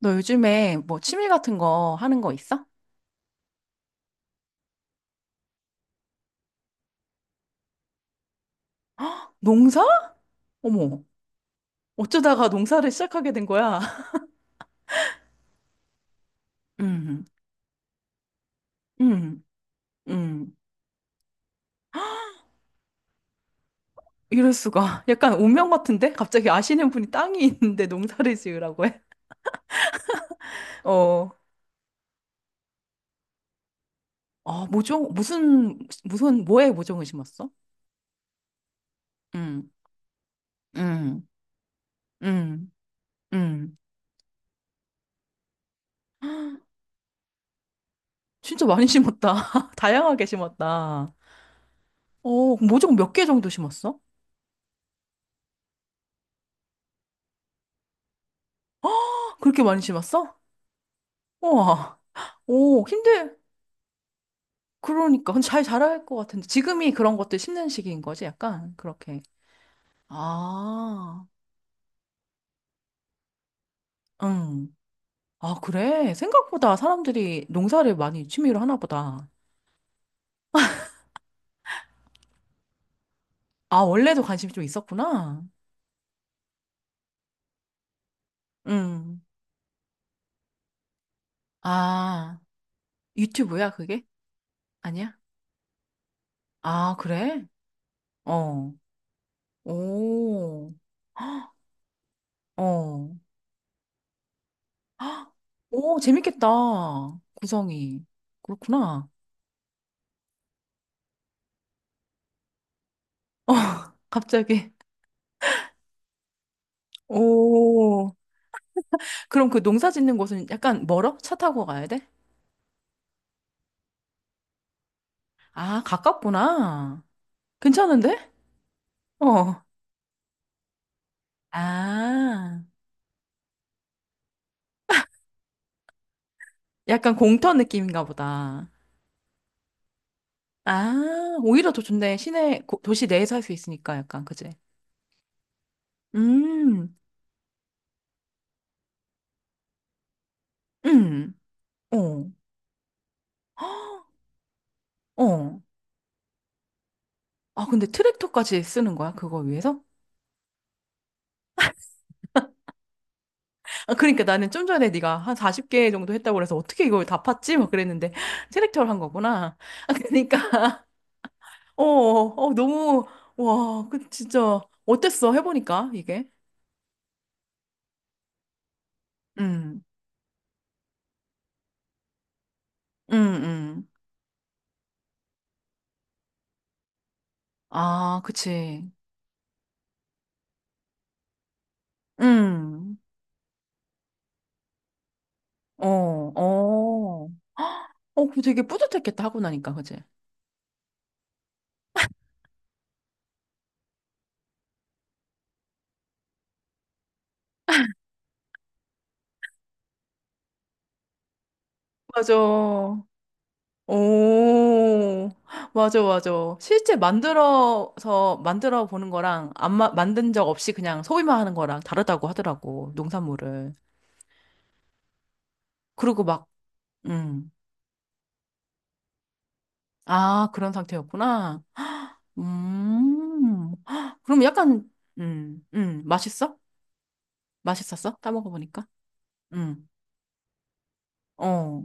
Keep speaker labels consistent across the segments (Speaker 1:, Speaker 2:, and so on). Speaker 1: 너 요즘에 뭐 취미 같은 거 하는 거 있어? 농사? 어머, 어쩌다가 농사를 시작하게 된 거야? 음, 음, 음. 이럴 수가. 약간 운명 같은데? 갑자기 아시는 분이 땅이 있는데 농사를 지으라고 해? 어, 아, 모종, 무슨, 뭐에 모종을 심었어? 음, 음, 음, 음. 진짜 많이 심었다. 다양하게 심었다. 어, 모종 몇 개 정도 심었어? 그렇게 많이 심었어? 우와. 오, 그러니까 잘 자랄 것 같은데 지금이 그런 것들 심는 시기인 거지 약간 그렇게. 아, 응. 아, 그래? 생각보다 사람들이 농사를 많이 취미로 하나 보다. 아, 원래도 관심이 좀 있었구나. 응. 아, 유튜브야, 그게? 아니야? 아, 그래? 어. 오. 헉, 어. 헉, 오, 재밌겠다. 구성이. 그렇구나. 어, 갑자기. 오. 그럼 그 농사 짓는 곳은 약간 멀어? 차 타고 가야 돼? 아, 가깝구나. 괜찮은데? 어. 아, 약간 공터 느낌인가 보다. 아, 오히려 더 좋네. 시내, 도시 내에서 할 수 있으니까 약간, 그지? 음, 음, 어. 헉, 어. 아, 근데 트랙터까지 쓰는 거야? 그거 위해서? 아, 그러니까 나는 좀 전에 네가 한 40개 정도 했다고 그래서 어떻게 이걸 다 팠지? 막 그랬는데 트랙터를 한 거구나. 아, 그러니까 너무, 와, 그, 진짜, 어땠어? 해보니까, 이게? 음, 음, 음, 아, 그치. 음. 어, 어. 어, 그 되게 뿌듯했겠다, 하고 나니까, 그치? 맞아. 오, 맞아, 맞아. 실제 만들어서, 만들어 보는 거랑, 안 마, 만든 적 없이 그냥 소비만 하는 거랑 다르다고 하더라고, 농산물을. 그리고 막, 음. 아, 그런 상태였구나. 음. 헉, 그럼 약간, 맛있어? 맛있었어? 따먹어보니까? 음, 어.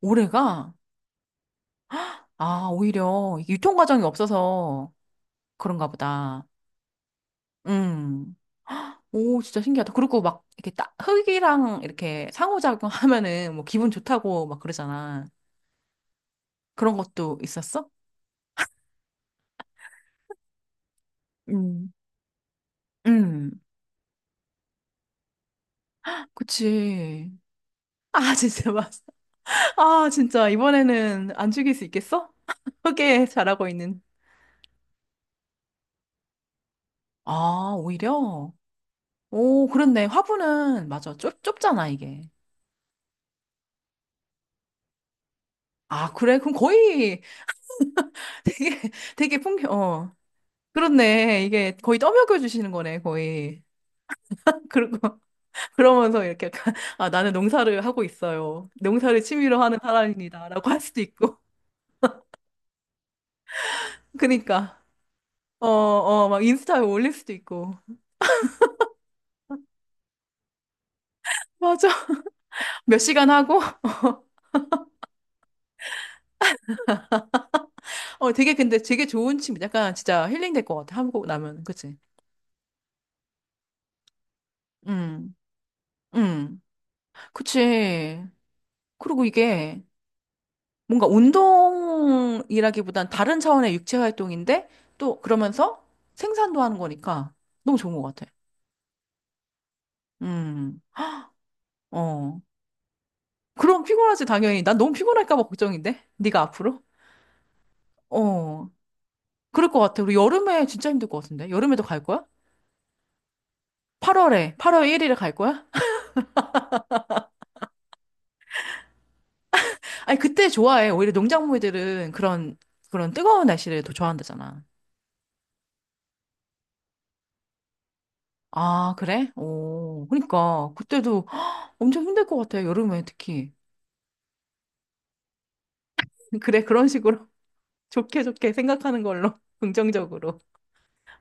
Speaker 1: 올해가, 아, 오히려 이게 유통 과정이 없어서 그런가 보다. 음. 오, 진짜 신기하다. 그리고 막, 이렇게 딱, 흙이랑 이렇게 상호작용 하면은 뭐 기분 좋다고 막 그러잖아. 그런 것도 있었어? 음. 음. 그치. 아, 진짜 맛. 아, 진짜. 이번에는 안 죽일 수 있겠어? 흙에 자라고 있는. 아, 오히려? 오, 그랬네. 화분은, 맞아. 좁잖아, 이게. 아, 그래? 그럼 거의 되게, 어. 그렇네. 이게 거의 떠먹여 주시는 거네, 거의. 그리고, 그러면서 이렇게 약간, 아, 나는 농사를 하고 있어요. 농사를 취미로 하는 사람입니다 라고 할 수도 있고. 그니까, 막 인스타에 올릴 수도 있고. 맞아. 몇 시간 하고, 어, 되게 좋은 취미. 약간 진짜 힐링 될 것 같아. 한국 나면. 그치? 음, 음. 그치. 그리고 이게 뭔가 운동이라기보단 다른 차원의 육체 활동인데 또 그러면서 생산도 하는 거니까 너무 좋은 것 같아. 음, 어. 그럼 피곤하지, 당연히. 난 너무 피곤할까 봐 걱정인데? 네가 앞으로? 어. 그럴 것 같아. 우리 여름에 진짜 힘들 것 같은데? 여름에도 갈 거야? 8월에, 8월 1일에 갈 거야? 아니, 그때 좋아해. 오히려 농작물들은 그런, 그런 뜨거운 날씨를 더 좋아한다잖아. 아, 그래? 오, 그러니까. 그때도 엄청 힘들 것 같아, 여름에 특히. 그래, 그런 식으로 좋게 좋게 생각하는 걸로, 긍정적으로.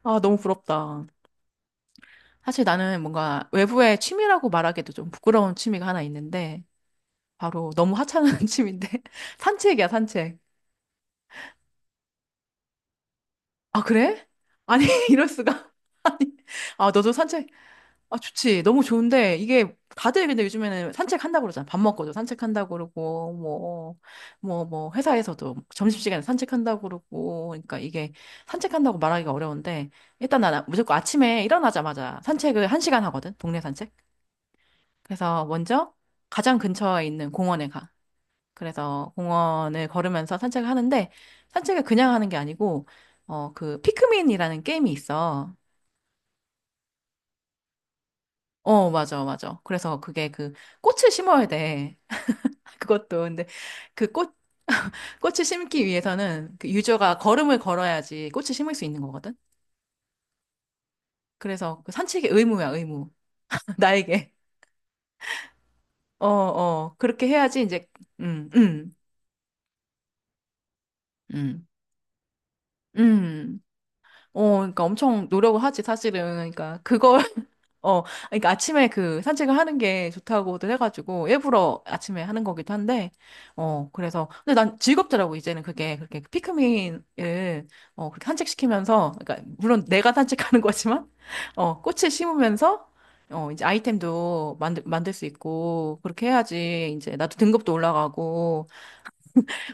Speaker 1: 아, 너무 부럽다. 사실 나는 뭔가 외부의 취미라고 말하기도 좀 부끄러운 취미가 하나 있는데, 바로 너무 하찮은 취미인데, 산책이야, 산책. 아, 그래? 아니, 이럴 수가. 아니, 아, 너도 산책 아, 좋지. 너무 좋은데, 이게, 다들 근데 요즘에는 산책한다고 그러잖아. 밥 먹고도 산책한다고 그러고, 뭐, 회사에서도 점심시간에 산책한다고 그러고, 그러니까 이게 산책한다고 말하기가 어려운데, 일단 나는 무조건 아침에 일어나자마자 산책을 한 시간 하거든. 동네 산책. 그래서 먼저 가장 근처에 있는 공원에 가. 그래서 공원을 걸으면서 산책을 하는데, 산책을 그냥 하는 게 아니고, 어, 그, 피크민이라는 게임이 있어. 어, 맞아, 맞아. 그래서 그게 그, 꽃을 심어야 돼. 그것도 근데 그 꽃, 꽃을 심기 위해서는 그 유저가 걸음을 걸어야지 꽃을 심을 수 있는 거거든. 그래서 그 산책이 의무야, 의무. 나에게. 어, 어. 그렇게 해야지 이제. 음, 음. 음. 음. 어, 그러니까 엄청 노력을 하지 사실은. 그러니까 그걸 어, 그러니까 아침에 그 산책을 하는 게 좋다고도 해가지고 일부러 아침에 하는 거기도 한데, 어, 그래서 근데 난 즐겁더라고 이제는 그게 그렇게 피크민을 어 그렇게 산책시키면서, 그러니까 물론 내가 산책하는 거지만, 어 꽃을 심으면서 어 이제 아이템도 만들 수 있고 그렇게 해야지 이제 나도 등급도 올라가고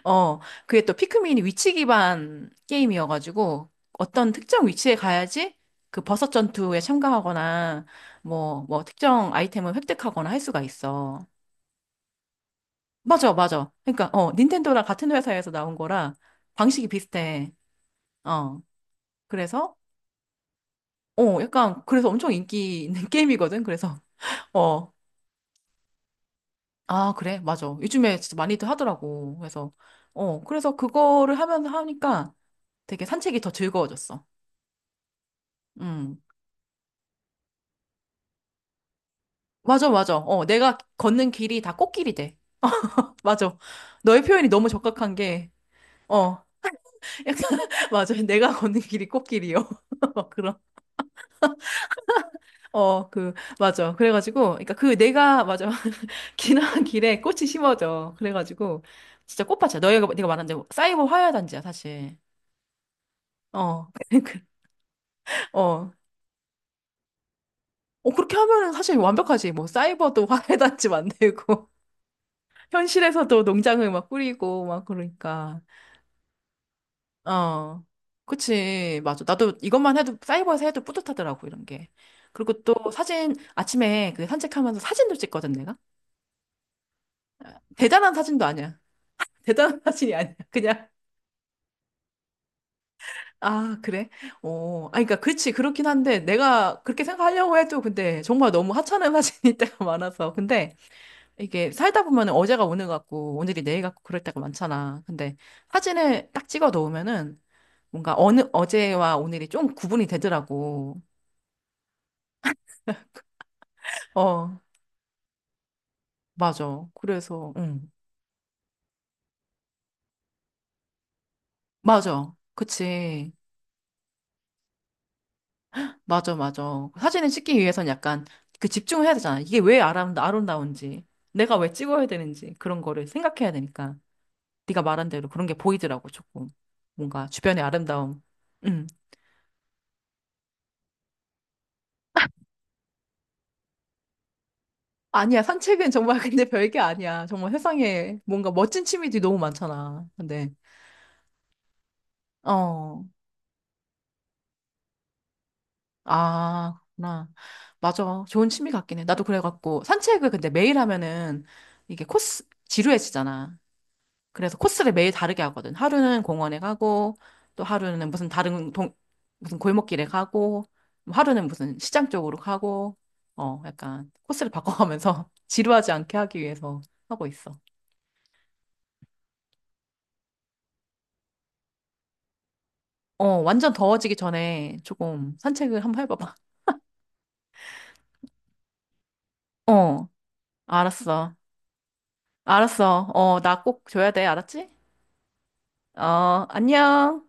Speaker 1: 어, 그게 또 피크민이 위치 기반 게임이어가지고 어떤 특정 위치에 가야지 그 버섯 전투에 참가하거나 뭐, 뭐 특정 아이템을 획득하거나 할 수가 있어. 맞아, 맞아. 그러니까, 어, 닌텐도랑 같은 회사에서 나온 거라 방식이 비슷해. 어, 그래서, 어, 약간, 그래서 엄청 인기 있는 게임이거든. 그래서, 어, 아, 그래, 맞아. 요즘에 진짜 많이들 하더라고. 그래서, 어, 그래서 그거를 하면서 하니까 되게 산책이 더 즐거워졌어. 음. 맞아, 맞아. 어, 내가 걷는 길이 다 꽃길이 돼. 맞아. 너의 표현이 너무 적확한 게, 어, 약간, 맞아. 내가 걷는 길이 꽃길이요. 그런, 어, 그, 맞아. 그래가지고, 그러니까 그 내가, 맞아. 지나간 길에 꽃이 심어져. 그래가지고, 진짜 꽃밭이야. 너희가, 네가 말한 대로 사이버 화훼단지야, 사실. 어, 그- 어. 어, 그렇게 하면은 사실 완벽하지. 뭐, 사이버도 화훼단지 만들고, 현실에서도 농장을 막 꾸리고, 막, 그러니까. 어, 그치. 맞아. 나도 이것만 해도, 사이버에서 해도 뿌듯하더라고, 이런 게. 그리고 또 사진, 아침에 그 산책하면서 사진도 찍거든, 내가. 대단한 사진도 아니야. 대단한 사진이 아니야. 그냥, 아, 그래? 어, 아, 그러니까, 그렇지. 그렇긴 한데, 내가 그렇게 생각하려고 해도, 근데 정말 너무 하찮은 사진일 때가 많아서. 근데 이게 살다 보면 은 어제가 오늘 같고, 오늘이 내일 같고, 그럴 때가 많잖아. 근데 사진을 딱 찍어 놓으면은, 뭔가 어느, 어제와 오늘이 좀 구분이 되더라고. 어. 맞아. 그래서, 응. 맞아. 그치. 맞아, 맞아. 사진을 찍기 위해선 약간 그 집중을 해야 되잖아. 이게 아름다운지, 내가 왜 찍어야 되는지, 그런 거를 생각해야 되니까. 네가 말한 대로 그런 게 보이더라고, 조금. 뭔가 주변의 아름다움. 응. 아니야, 산책은 정말 근데 별게 아니야. 정말 세상에 뭔가 멋진 취미들이 너무 많잖아. 근데, 어. 아, 그렇구나. 맞아. 좋은 취미 같긴 해. 나도 그래갖고, 산책을 근데 매일 하면은 이게 코스, 지루해지잖아. 그래서 코스를 매일 다르게 하거든. 하루는 공원에 가고, 또 하루는 무슨 골목길에 가고, 뭐 하루는 무슨 시장 쪽으로 가고, 어, 약간 코스를 바꿔가면서 지루하지 않게 하기 위해서 하고 있어. 어, 완전 더워지기 전에 조금 산책을 한번 해봐봐. 어, 알았어. 알았어. 어, 나 꼭 줘야 돼. 알았지? 어, 안녕.